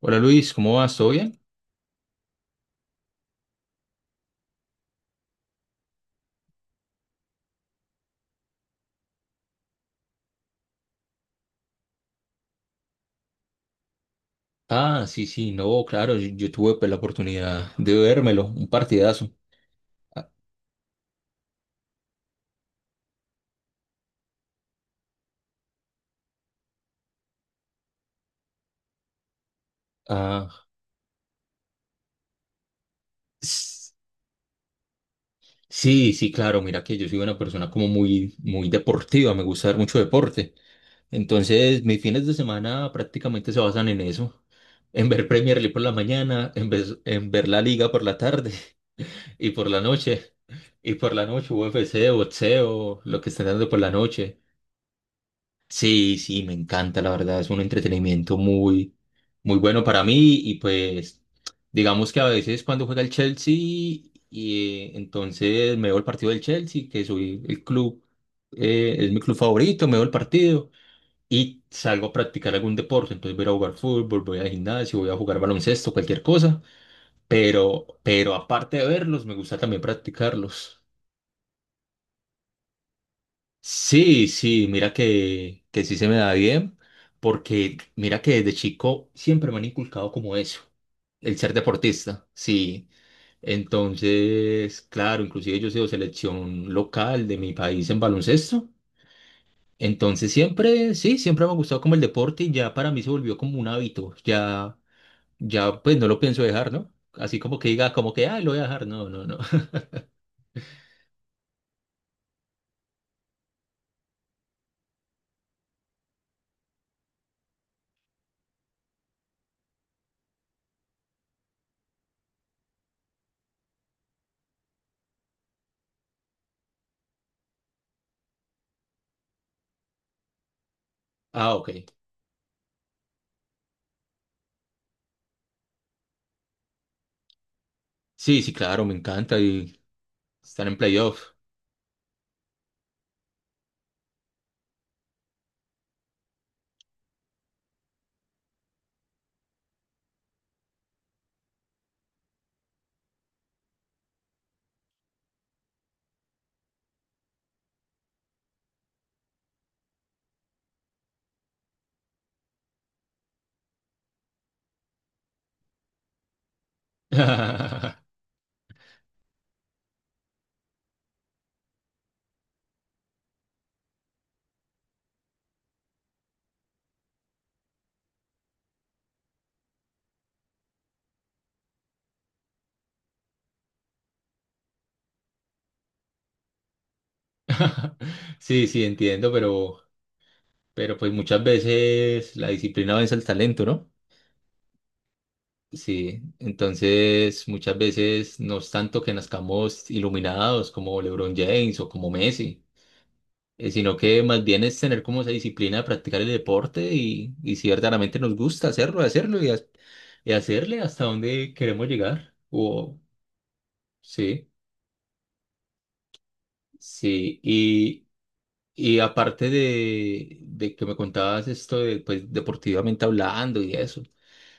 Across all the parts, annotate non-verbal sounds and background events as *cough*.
Hola Luis, ¿cómo vas? ¿Todo bien? Ah, sí, sí, no, claro, yo tuve, pues, la oportunidad de vérmelo, un partidazo. Ah, s- sí, sí, claro, mira que yo soy una persona como muy, muy deportiva, me gusta ver mucho deporte. Entonces, mis fines de semana prácticamente se basan en eso, en ver Premier League por la mañana, en ver la liga por la tarde *laughs* y por la noche, y por la noche UFC, boxeo, lo que estén dando por la noche. Sí, sí, me encanta, la verdad, es un entretenimiento muy, muy bueno para mí y pues digamos que a veces cuando juega el Chelsea y entonces me veo el partido del Chelsea, que soy el club, es mi club favorito, me veo el partido y salgo a practicar algún deporte, entonces voy a ir a jugar fútbol, voy al gimnasio, voy a jugar baloncesto, cualquier cosa, pero aparte de verlos, me gusta también practicarlos. Sí, sí, mira que sí se me da bien, porque mira que desde chico siempre me han inculcado como eso, el ser deportista, sí. Entonces, claro, inclusive yo he sido selección local de mi país en baloncesto. Entonces siempre, sí, siempre me ha gustado como el deporte y ya para mí se volvió como un hábito, ya, ya pues no lo pienso dejar, ¿no? Así como que diga, como que, ay, lo voy a dejar, no, no, no. *laughs* Ah, ok. Sí, sí, claro, me encanta y estar en playoff. *laughs* *laughs* Sí, sí, entiendo, pero pues muchas veces la disciplina vence al talento, ¿no? Sí, entonces muchas veces no es tanto que nazcamos iluminados como LeBron James o como Messi, sino que más bien es tener como esa disciplina de practicar el deporte y si verdaderamente nos gusta hacerlo, y hacerle hasta donde queremos llegar. O, sí, sí, y aparte de que me contabas esto de, pues, deportivamente hablando y eso,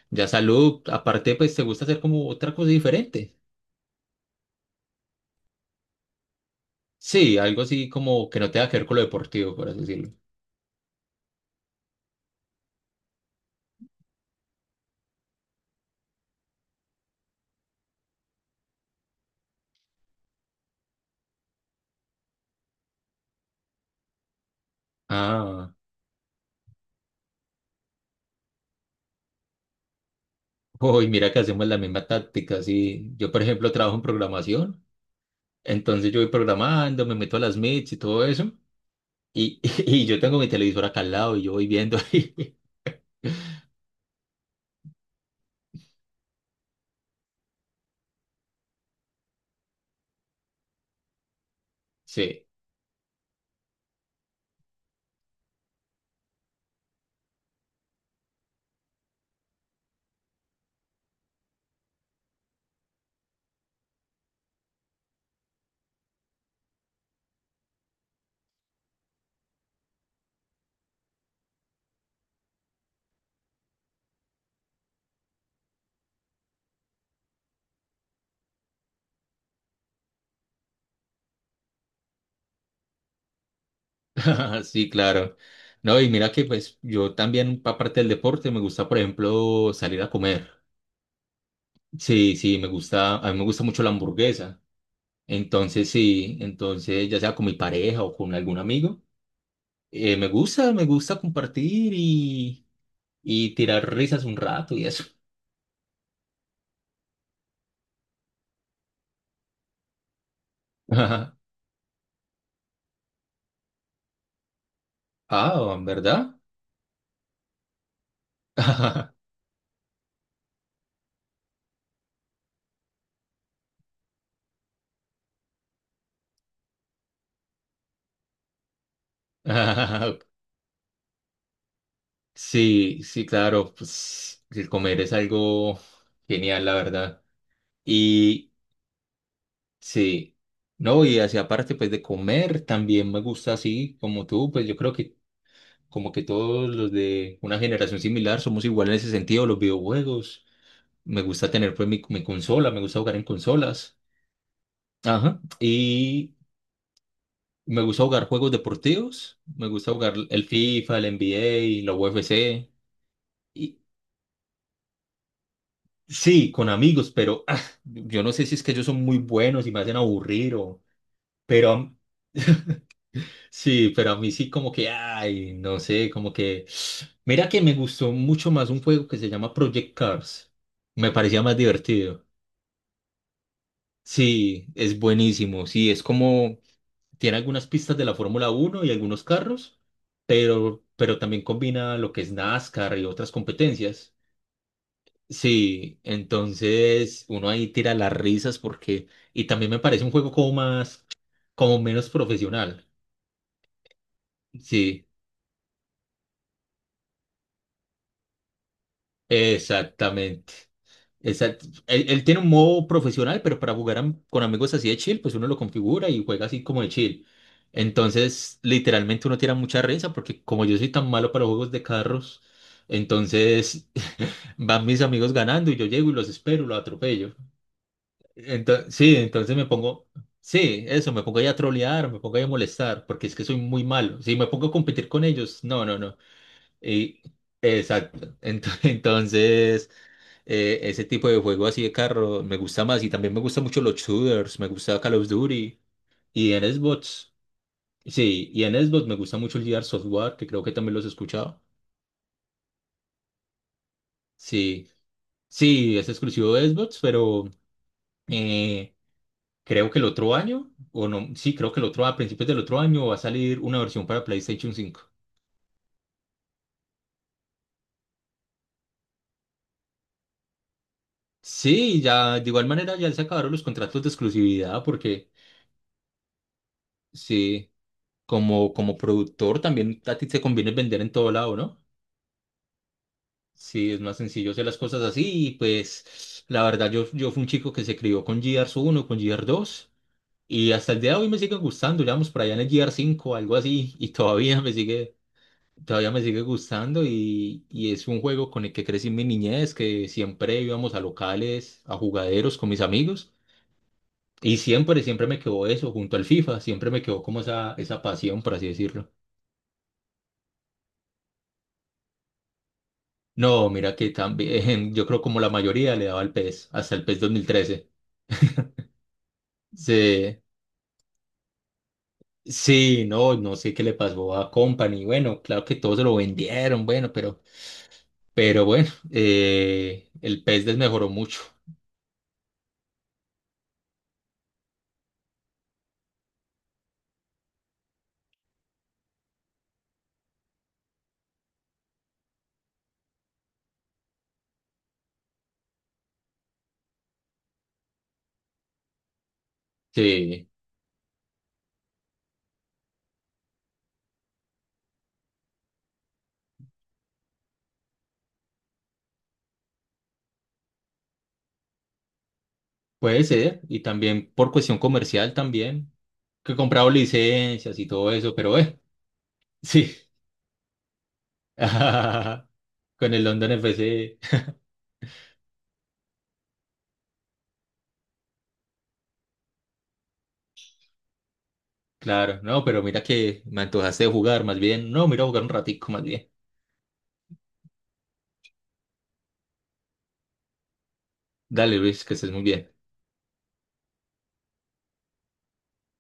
ya salud, aparte, pues, ¿te gusta hacer como otra cosa diferente? Sí, algo así como que no tenga que ver con lo deportivo, por así decirlo. Ah, *laughs* uy, mira que hacemos la misma táctica, sí. Yo, por ejemplo, trabajo en programación, entonces yo voy programando, me meto a las meets y todo eso, y, *laughs* y yo tengo mi televisor acá al lado y yo voy viendo. *laughs* Sí. Ah, sí, claro. No, y mira que pues yo también, aparte del deporte, me gusta, por ejemplo, salir a comer. Sí, sí, me gusta, a mí me gusta mucho la hamburguesa. Entonces, sí, entonces, ya sea con mi pareja o con algún amigo, me gusta compartir y tirar risas un rato y eso. *laughs* Ah, ¿en ¿verdad? *laughs* Ah, sí, sí, claro, pues el comer es algo genial, la verdad. Y, sí, no, y así aparte pues de comer, también me gusta así como tú, pues yo creo que como que todos los de una generación similar somos iguales en ese sentido, los videojuegos, me gusta tener pues mi consola, me gusta jugar en consolas, ajá, y me gusta jugar juegos deportivos, me gusta jugar el FIFA, el NBA, la UFC, y sí, con amigos, pero yo no sé si es que ellos son muy buenos y me hacen aburrir o... Pero sí, pero a mí sí como que, ay, no sé, como que... *sniffs* Mira que me gustó mucho más un juego que se llama Project Cars. Me parecía más divertido. Sí, es buenísimo. Sí, es como... Tiene algunas pistas de la Fórmula Uno y algunos carros, pero también combina lo que es NASCAR y otras competencias. Sí, entonces uno ahí tira las risas porque... Y también me parece un juego como más... como menos profesional. Sí. Exactamente. Él, él tiene un modo profesional, pero para jugar con amigos así de chill, pues uno lo configura y juega así como de chill. Entonces, literalmente uno tira mucha risa porque como yo soy tan malo para los juegos de carros, entonces *laughs* van mis amigos ganando y yo llego y los espero, los atropello. Entonces, sí, entonces me pongo, sí, eso, me pongo ahí a trolear, me pongo ahí a molestar, porque es que soy muy malo. Si me pongo a competir con ellos, no, no, no. Y, exacto. *laughs* Entonces... ese tipo de juego así de carro me gusta más y también me gustan mucho los shooters, me gusta Call of Duty y en Xbox, sí, y en Xbox me gusta mucho el Gear Software, que creo que también los he escuchado. Sí, sí, es exclusivo de Xbox, pero eh, creo que el otro año, o no, sí, creo que el otro, a principios del otro año va a salir una versión para PlayStation cinco. Sí, ya de igual manera ya se acabaron los contratos de exclusividad porque sí, como, como productor también a ti te conviene vender en todo lado, ¿no? Sí, es más sencillo hacer las cosas así. Y pues, la verdad, yo fui un chico que se crió con GR uno, con GR dos. Y hasta el día de hoy me siguen gustando. Ya vamos por allá en el GR cinco, algo así. Y todavía me sigue gustando. Y es un juego con el que crecí en mi niñez, que siempre íbamos a locales, a jugaderos con mis amigos. Y siempre, siempre me quedó eso, junto al FIFA. Siempre me quedó como esa pasión, por así decirlo. No, mira que también, *laughs* yo creo como la mayoría le daba al PES, hasta el PES 2013. Sí, sí, no, no sé qué le pasó a Company. Bueno, claro que todos se lo vendieron, bueno, pero bueno, el pez desmejoró mucho. Sí, puede ser. Y también por cuestión comercial también, que comprado licencias y todo eso, pero sí. *laughs* Con el London FC, claro, no, pero mira que me antojaste de jugar más bien. No, mira, jugar un ratico más bien. Dale, Luis, que estés muy bien.